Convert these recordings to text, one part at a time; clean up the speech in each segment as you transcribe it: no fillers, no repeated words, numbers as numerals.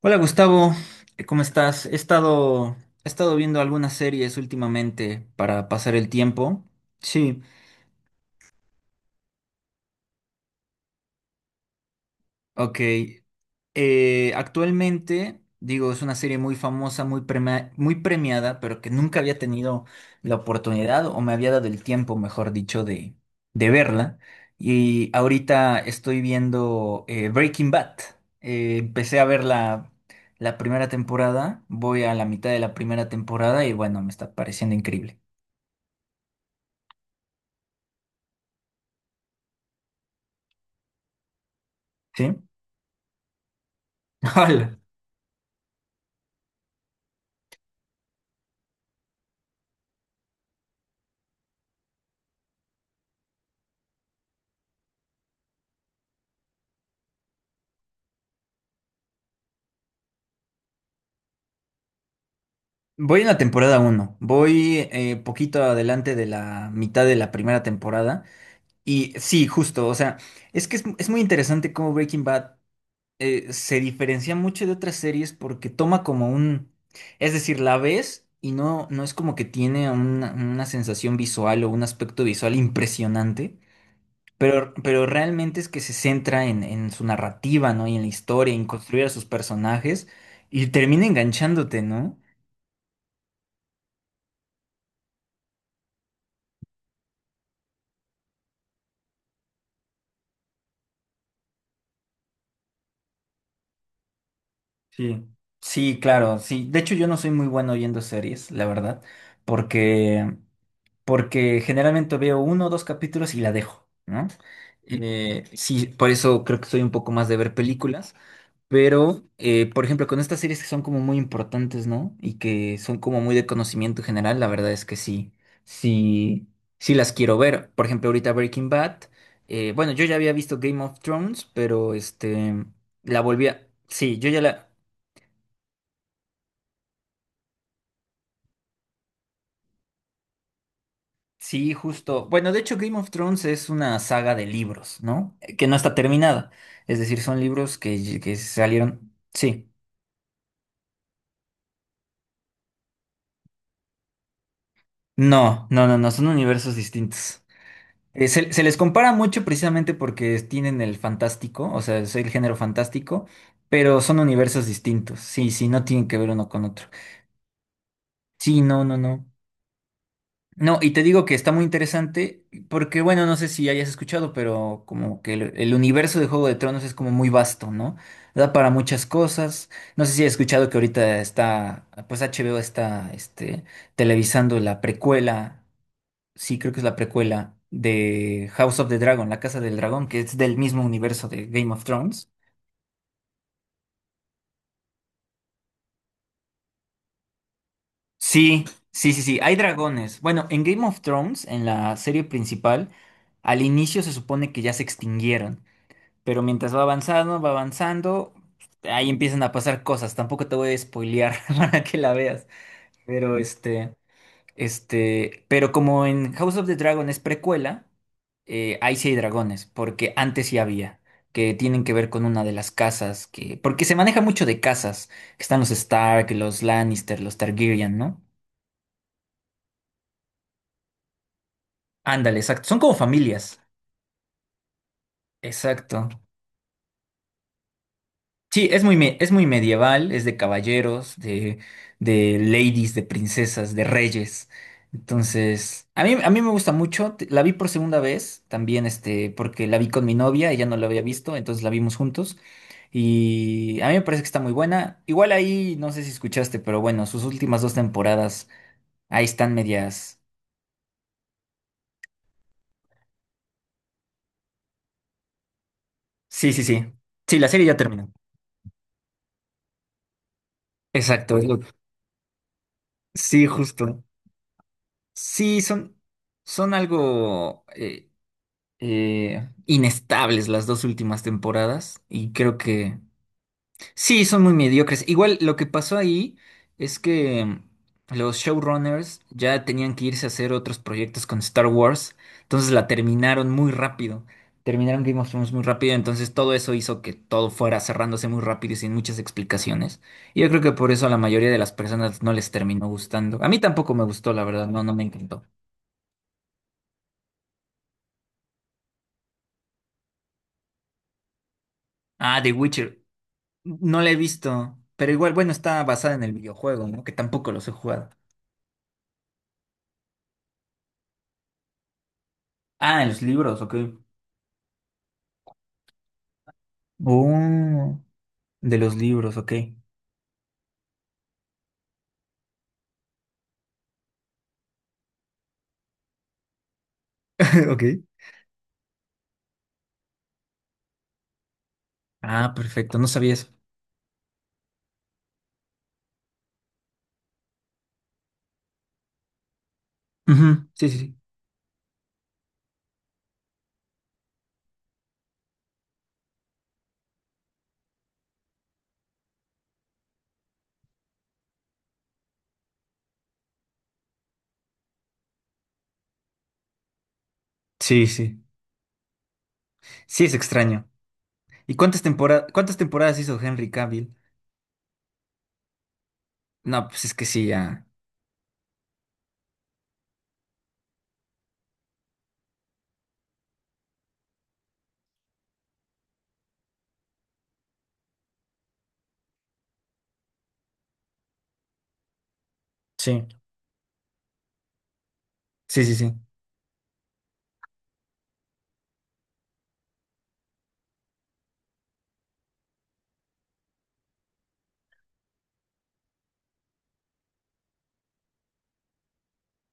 Hola Gustavo, ¿cómo estás? He estado viendo algunas series últimamente para pasar el tiempo. Sí, ok. Actualmente, digo, es una serie muy famosa, muy premiada, pero que nunca había tenido la oportunidad o me había dado el tiempo, mejor dicho, de verla. Y ahorita estoy viendo Breaking Bad. Empecé a ver la primera temporada, voy a la mitad de la primera temporada y bueno, me está pareciendo increíble. ¿Sí? Hola. Voy en la temporada uno, voy poquito adelante de la mitad de la primera temporada. Y sí, justo, o sea, es muy interesante cómo Breaking Bad se diferencia mucho de otras series porque toma como un, es decir, la ves y no, no es como que tiene una sensación visual o un aspecto visual impresionante, pero realmente es que se centra en su narrativa, ¿no? Y en la historia, en construir a sus personajes y termina enganchándote, ¿no? Sí. Sí, claro, sí. De hecho, yo no soy muy bueno oyendo series, la verdad, porque porque generalmente veo uno o dos capítulos y la dejo, ¿no? Sí, por eso creo que soy un poco más de ver películas, pero, por ejemplo, con estas series que son como muy importantes, ¿no? Y que son como muy de conocimiento general, la verdad es que sí, sí, sí las quiero ver. Por ejemplo, ahorita Breaking Bad, bueno, yo ya había visto Game of Thrones, pero este, la volví a... Sí, yo ya la... Sí, justo. Bueno, de hecho, Game of Thrones es una saga de libros, ¿no? Que no está terminada. Es decir, son libros que salieron. Sí. No, no, no, no, son universos distintos. Se les compara mucho precisamente porque tienen el fantástico, o sea, es el género fantástico, pero son universos distintos. Sí, sí, no tienen que ver uno con otro. Sí, no, no, no. No, y te digo que está muy interesante porque, bueno, no sé si hayas escuchado, pero como que el universo de Juego de Tronos es como muy vasto, ¿no? Da para muchas cosas. No sé si has escuchado que ahorita está, pues HBO está, este, televisando la precuela, sí, creo que es la precuela de House of the Dragon, La Casa del Dragón, que es del mismo universo de Game of Thrones. Sí, sí, sí, sí, hay dragones. Bueno, en Game of Thrones, en la serie principal, al inicio se supone que ya se extinguieron. Pero mientras va avanzando, ahí empiezan a pasar cosas. Tampoco te voy a spoilear para que la veas. Pero este, pero como en House of the Dragon es precuela, ahí sí hay dragones, porque antes sí había, que tienen que ver con una de las casas, que, porque se maneja mucho de casas, que están los Stark, los Lannister, los Targaryen, ¿no? Ándale, exacto. Son como familias. Exacto. Sí, es muy medieval, es de caballeros, de ladies, de princesas, de reyes. Entonces, a mí me gusta mucho. La vi por segunda vez, también este, porque la vi con mi novia, ella no la había visto, entonces la vimos juntos. Y a mí me parece que está muy buena. Igual ahí, no sé si escuchaste, pero bueno, sus últimas dos temporadas, ahí están medias. Sí, sí, sí. Sí, la serie ya terminó. Exacto, es lo- sí, justo. Sí, son, son algo. Inestables las dos últimas temporadas y creo que sí, son muy mediocres. Igual lo que pasó ahí es que los showrunners ya tenían que irse a hacer otros proyectos con Star Wars, entonces la terminaron muy rápido. Terminaron Game of Thrones muy rápido, entonces todo eso hizo que todo fuera cerrándose muy rápido y sin muchas explicaciones. Y yo creo que por eso a la mayoría de las personas no les terminó gustando. A mí tampoco me gustó, la verdad, no, no me encantó. Ah, The Witcher. No la he visto, pero igual, bueno, está basada en el videojuego, ¿no? Que tampoco los he jugado. Ah, en los libros, ok. Oh, de los libros, ok. Ok. Ah, perfecto, no sabía eso. Ujú, sí, sí, sí. Sí, sí. Sí, es extraño. ¿Y cuántas temporadas hizo Henry Cavill? No, pues es que sí, ya. Sí, sí, sí, sí.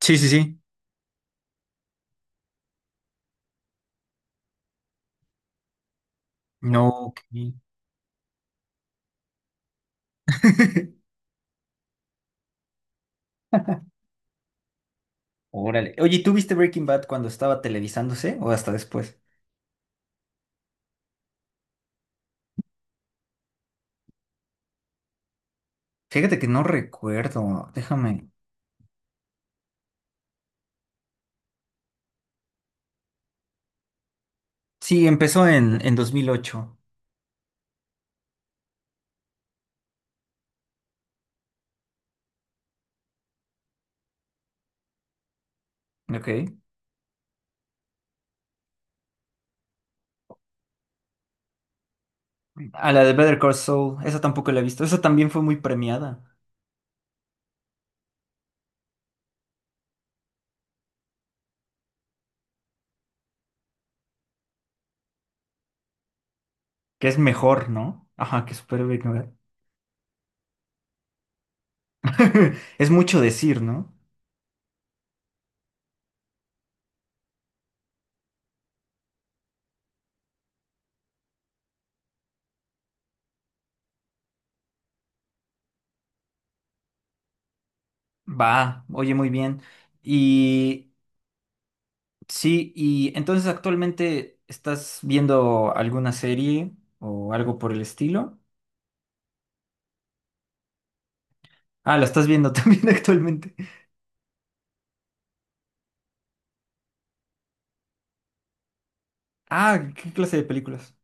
Sí, sí, sí. No, ok. Órale. Oye, ¿tú viste Breaking Bad cuando estaba televisándose o hasta después? Fíjate que no recuerdo. Déjame. Sí, empezó en 2008. Ok. A la de Better Call Saul, esa tampoco la he visto. Esa también fue muy premiada. Que es mejor, ¿no? Ajá, que Superhéroe Ignorar. Es mucho decir, ¿no? Va, oye, muy bien. Y sí, y entonces actualmente estás viendo alguna serie o algo por el estilo. Ah, la estás viendo también actualmente. Ah, ¿qué clase de películas?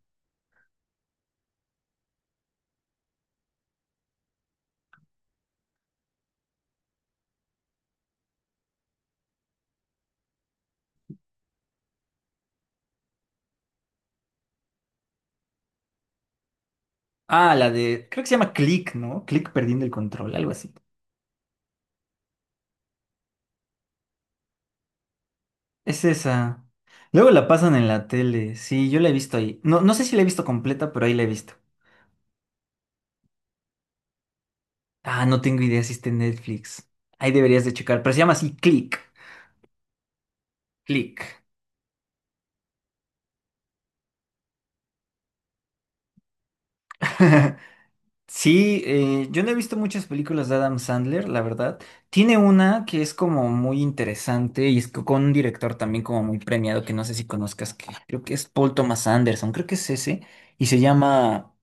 Ah, la de, creo que se llama Click, ¿no? Click perdiendo el control, algo así. Es esa. Luego la pasan en la tele. Sí, yo la he visto ahí. No, no sé si la he visto completa, pero ahí la he visto. Ah, no tengo idea si está en Netflix. Ahí deberías de checar, pero se llama así Click. Click. Sí, yo no he visto muchas películas de Adam Sandler, la verdad. Tiene una que es como muy interesante y es con un director también como muy premiado que no sé si conozcas, que creo que es Paul Thomas Anderson, creo que es ese, y se llama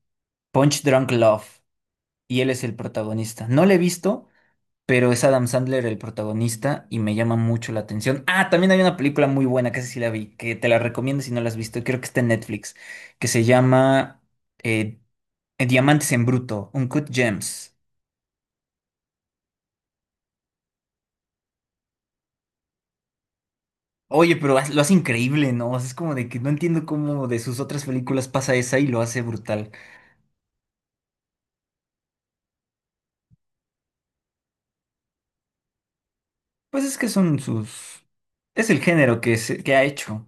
Punch Drunk Love, y él es el protagonista. No la he visto. Pero es Adam Sandler el protagonista y me llama mucho la atención. Ah, también hay una película muy buena que esa sí la vi, que te la recomiendo si no la has visto, creo que está en Netflix, que se llama eh, Diamantes en Bruto, Uncut Gems. Oye, lo hace increíble, ¿no? O sea, es como de que no entiendo cómo de sus otras películas pasa esa y lo hace brutal. Pues es que son sus... Es el género que ha hecho.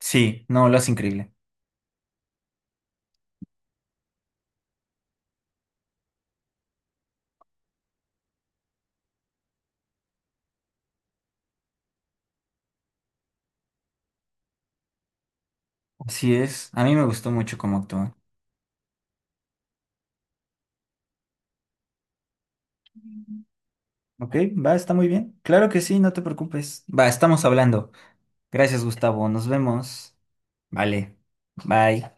Sí, no, lo hace increíble. Así es. A mí me gustó mucho cómo actúa. Ok, va, está muy bien. Claro que sí, no te preocupes. Va, estamos hablando. Gracias, Gustavo. Nos vemos. Vale. Bye.